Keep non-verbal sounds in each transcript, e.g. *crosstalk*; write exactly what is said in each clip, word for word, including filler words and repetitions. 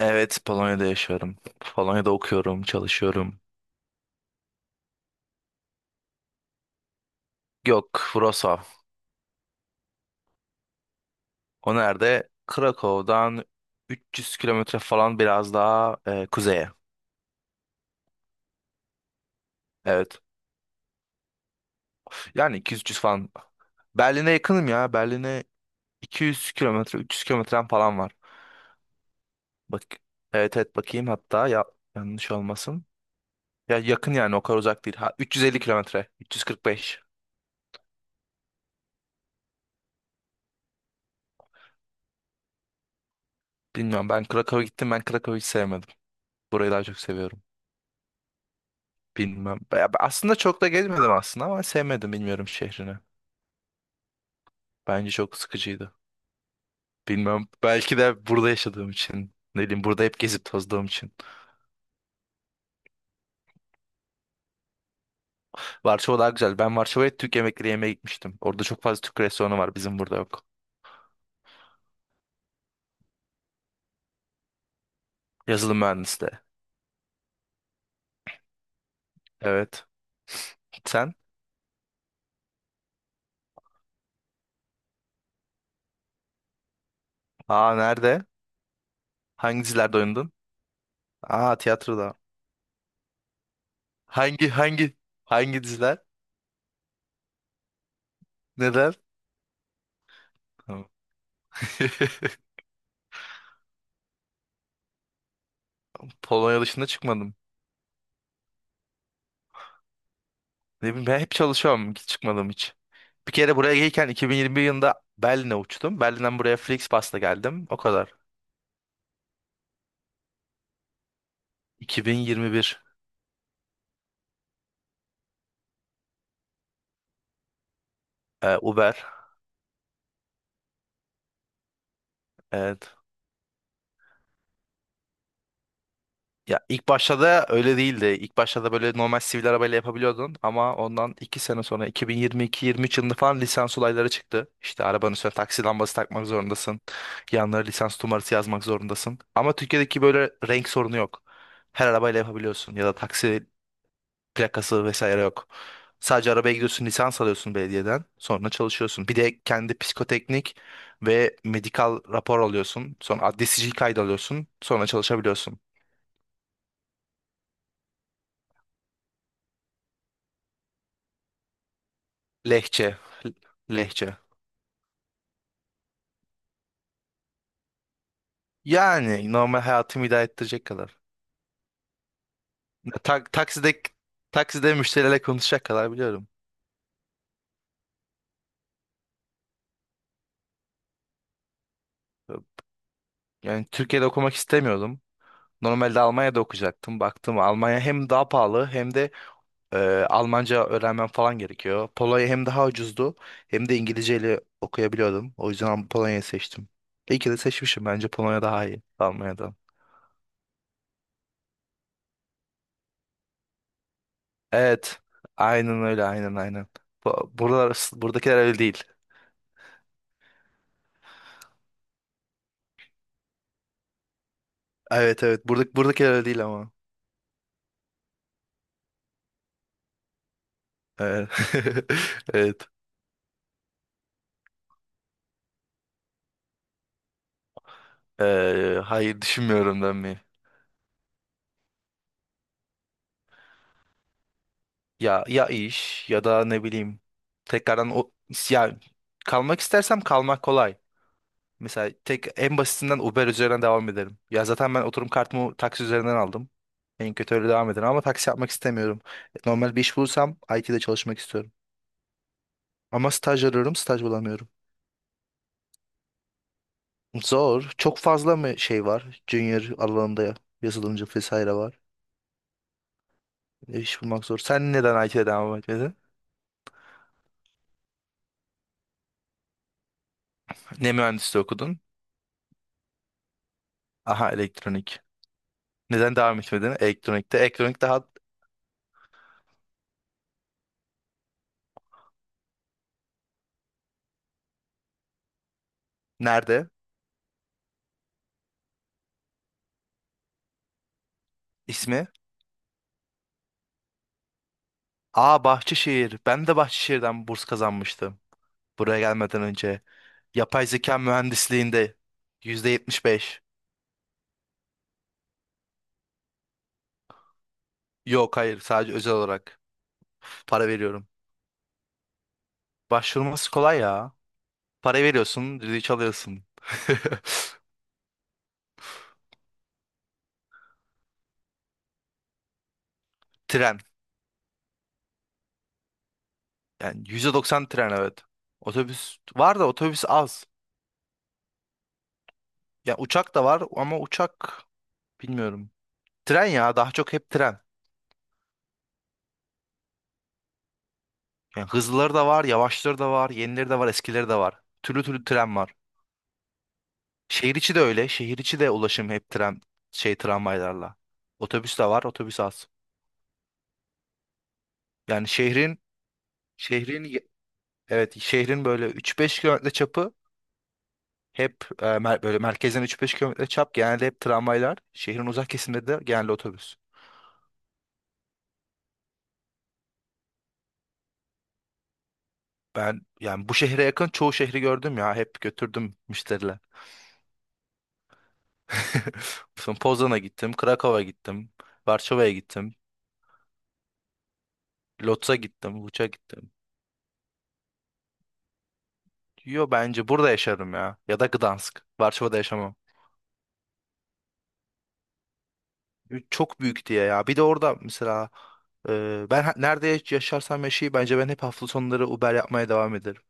Evet, Polonya'da yaşıyorum. Polonya'da okuyorum, çalışıyorum. Yok, Wrocław. O nerede? Krakow'dan üç yüz kilometre falan biraz daha e, kuzeye. Evet. Yani iki yüz üç yüz falan. Berlin'e yakınım ya. Berlin'e iki yüz kilometre, üç yüz kilometrem falan var. Bak, evet evet bakayım hatta ya yanlış olmasın. Ya yakın yani o kadar uzak değil. Ha, üç yüz elli kilometre, üç yüz kırk beş. Bilmiyorum ben Krakow'a gittim ben Krakow'u hiç sevmedim. Burayı daha çok seviyorum. Bilmem. Ya ben aslında çok da gezmedim aslında ama sevmedim bilmiyorum şehrini. Bence çok sıkıcıydı. Bilmem. Belki de burada yaşadığım için. Ne bileyim burada hep gezip tozduğum için. Varşova daha güzel. Ben Varşova'ya Türk yemekleri yemeye gitmiştim. Orada çok fazla Türk restoranı var. Bizim burada yok. Yazılım mühendisliği. Evet. Sen? Aa nerede? Hangi dizilerde oynadın? Aa tiyatroda. Hangi hangi hangi diziler? Neden? Tamam. *laughs* Polonya dışında çıkmadım. Ne bileyim, ben hep çalışıyorum hiç çıkmadım hiç. Bir kere buraya gelirken iki bin yirmi bir yılında Berlin'e uçtum. Berlin'den buraya Flixbus'la geldim. O kadar. iki bin yirmi bir. e, Uber. Evet. Ya ilk başta da öyle değildi. İlk başta da böyle normal sivil arabayla yapabiliyordun ama ondan iki sene sonra iki bin yirmi iki-yirmi üç yılında falan lisans olayları çıktı. İşte arabanın üstüne taksi lambası takmak zorundasın. Yanlara lisans numarası yazmak zorundasın. Ama Türkiye'deki böyle renk sorunu yok. Her arabayla yapabiliyorsun ya da taksi plakası vesaire yok. Sadece arabaya gidiyorsun, lisans alıyorsun belediyeden. Sonra çalışıyorsun. Bir de kendi psikoteknik ve medikal rapor alıyorsun. Sonra adli sicil kaydı alıyorsun. Sonra çalışabiliyorsun. Lehçe. Lehçe. Yani normal hayatımı idare ettirecek kadar. Tak, takside takside müşterilerle konuşacak kadar biliyorum. Yani Türkiye'de okumak istemiyordum. Normalde Almanya'da okuyacaktım. Baktım Almanya hem daha pahalı hem de Ee, Almanca öğrenmem falan gerekiyor. Polonya hem daha ucuzdu hem de İngilizceyle okuyabiliyordum. O yüzden Polonya'yı seçtim. İyi ki de seçmişim. Bence Polonya daha iyi Almanya'dan. Evet. Aynen öyle. Aynen aynen. Bu- Buralar, buradakiler öyle değil. Evet evet. Burada, buradakiler öyle değil ama. Evet. *laughs* Evet. Ee, hayır düşünmüyorum dönmeyi. Ya ya iş ya da ne bileyim tekrardan o ya kalmak istersem kalmak kolay. Mesela tek en basitinden Uber üzerinden devam edelim. Ya zaten ben oturum kartımı taksi üzerinden aldım. En kötü öyle devam edelim ama taksi yapmak istemiyorum. E, Normal bir iş bulursam I T'de çalışmak istiyorum. Ama staj arıyorum, staj bulamıyorum. Zor. Çok fazla mı şey var? Junior alanında yazılımcı vesaire var. E, İş bulmak zor. Sen neden I T'de devam etmedin? Ne mühendisliği okudun? Aha elektronik. Neden devam etmedin? Elektronikte. Elektronik daha nerede? İsmi? Aa Bahçeşehir. Ben de Bahçeşehir'den burs kazanmıştım buraya gelmeden önce. Yapay zeka mühendisliğinde yüzde yetmiş beş. Yok hayır sadece özel olarak para veriyorum. Başvurması kolay ya. Para veriyorsun, düdüğü alıyorsun. *laughs* Tren. Yani yüzde doksan tren evet. Otobüs var da otobüs az. Ya uçak da var ama uçak bilmiyorum. Tren ya daha çok hep tren. Yani hızlıları da var, yavaşları da var, yenileri de var, eskileri de var. Türlü türlü tren var. Şehir içi de öyle. Şehir içi de ulaşım hep tren şey tramvaylarla. Otobüs de var, otobüs az. Yani şehrin şehrin ye- evet şehrin böyle üç beş kilometre çapı hep e, mer- böyle merkezden üç beş kilometre çap genelde hep tramvaylar. Şehrin uzak kesiminde de genelde otobüs. Ben yani bu şehre yakın çoğu şehri gördüm ya. Hep götürdüm müşteriler. *laughs* Son Poznan'a gittim, Krakow'a gittim, Varşova'ya gittim, Lodz'a gittim, Buç'a gittim. Yo bence burada yaşarım ya. Ya da Gdansk. Varşova'da yaşamam. Çok büyük diye ya. Bir de orada mesela e, ben ha- nerede yaşarsam yaşayayım bence ben hep hafta sonları Uber yapmaya devam ederim.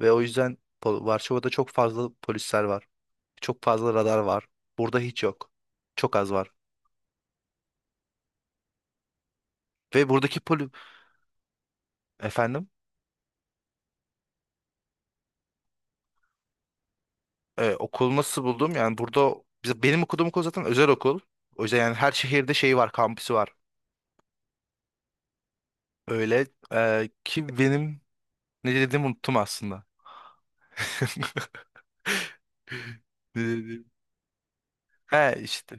Ve o yüzden Pol- Varşova'da çok fazla polisler var. Çok fazla radar var. Burada hiç yok. Çok az var. Ve buradaki poli efendim. E, okulu nasıl buldum? Yani burada biz- benim okuduğum okul zaten özel okul. O yüzden yani her şehirde şeyi var, kampüsü var. Öyle e, ki benim ne dediğimi unuttum aslında. *laughs* Ne dediğimi- He işte.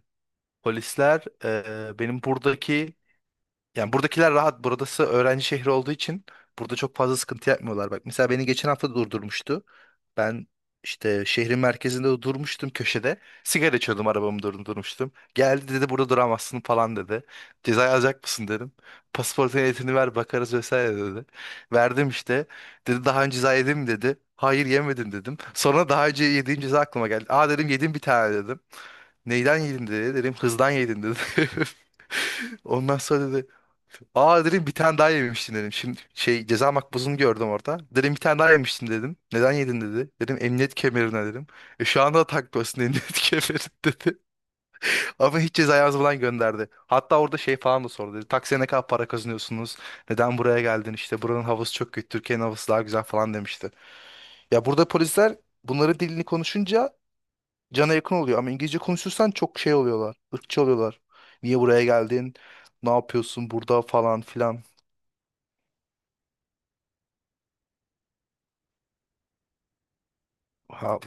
Polisler e, benim buradaki yani buradakiler rahat. Burası öğrenci şehri olduğu için burada çok fazla sıkıntı yapmıyorlar. Bak mesela beni geçen hafta durdurmuştu. Ben işte şehrin merkezinde durmuştum köşede. Sigara içiyordum arabamı durdurmuştum. Geldi dedi burada duramazsın falan dedi. Ceza alacak mısın dedim. Pasaportun ehliyetini ver bakarız vesaire dedi. Verdim işte. Dedi daha önce ceza yedin mi dedi. Hayır yemedim dedim. Sonra daha önce yediğim ceza aklıma geldi. Aa dedim yedim bir tane dedim. Neyden yedin dedi. Dedim hızdan yedin dedi. *laughs* Ondan sonra dedi Aa dedim bir tane daha yemiştin dedim. Şimdi şey ceza makbuzunu gördüm orada. Dedim bir tane daha yemiştin dedim. Neden yedin dedi. Dedim emniyet kemerine dedim. E, şu anda da takmıyorsun *laughs* emniyet kemerini dedi. Ama hiç ceza yazmadan gönderdi. Hatta orada şey falan da sordu dedi. Taksiye ne kadar para kazanıyorsunuz? Neden buraya geldin? İşte buranın havası çok kötü. Türkiye'nin havası daha güzel falan demişti. Ya burada polisler bunların dilini konuşunca cana yakın oluyor. Ama İngilizce konuşursan çok şey oluyorlar. Irkçı oluyorlar. Niye buraya geldin? Ne yapıyorsun burada falan filan. Ha,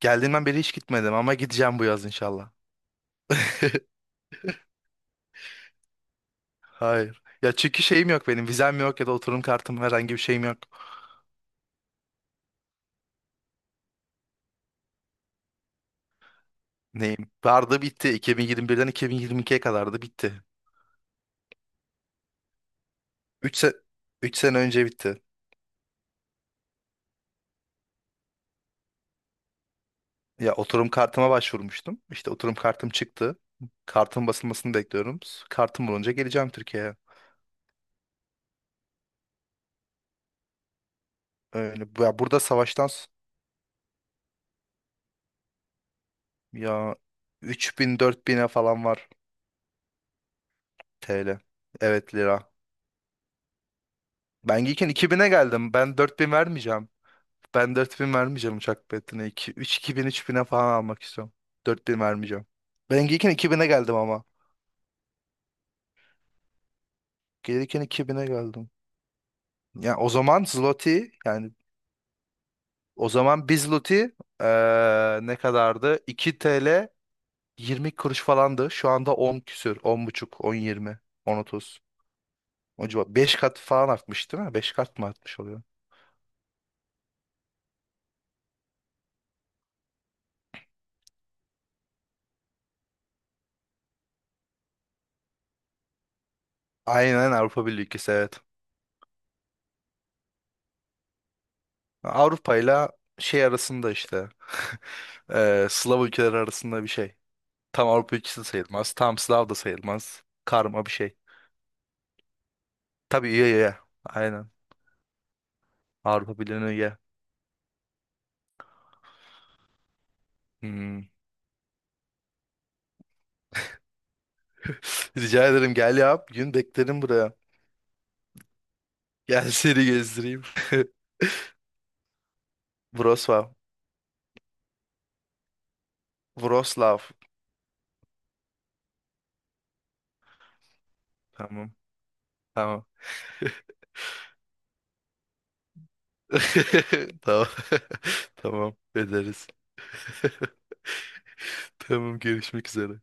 geldiğimden beri hiç gitmedim ama gideceğim bu yaz inşallah. *laughs* Hayır. Ya çünkü şeyim yok benim. Vizem yok ya da oturum kartım herhangi bir şeyim yok. Neyim? Vardı bitti. iki bin yirmi birden iki bin yirmi ikiye kadardı bitti. üç se üç sene önce bitti. Ya oturum kartıma başvurmuştum. İşte oturum kartım çıktı. Kartın basılmasını bekliyorum. Kartım bulunca geleceğim Türkiye'ye. Öyle. Ya burada savaştan s- ya üç bin bin'e falan var T L. Evet lira. Ben gelirken iki bine geldim. Ben dört bin vermeyeceğim. Ben dört bin vermeyeceğim uçak biletine. iki üç, iki bin üç bine falan almak istiyorum. Dört bin vermeyeceğim. Ben gelirken iki bine geldim ama. Gelirken iki bine geldim. Ya o zaman zloty yani o zaman bir zloty eee, ne kadardı? iki T L yirmi kuruş falandı. Şu anda on küsür. On buçuk, on yirmi on otuz. O civar. beş kat falan artmış değil mi? beş kat mı artmış oluyor? Aynen Avrupa Birliği ülkesi evet. Avrupa ile şey arasında işte. *laughs* eee Slav ülkeleri arasında bir şey. Tam Avrupa ülkesi de sayılmaz. Tam Slav da sayılmaz. Karma bir şey. Tabii üye üye. Aynen. Avrupa Birliği'ne üye. Hmm. *laughs* Rica ederim gel ya. Bir gün beklerim buraya. Gel seni gezdireyim. *laughs* Wrocław. Wrocław. Tamam. Tamam. *laughs* Tamam. *laughs* Tamam. Ederiz. *laughs* Tamam görüşmek üzere.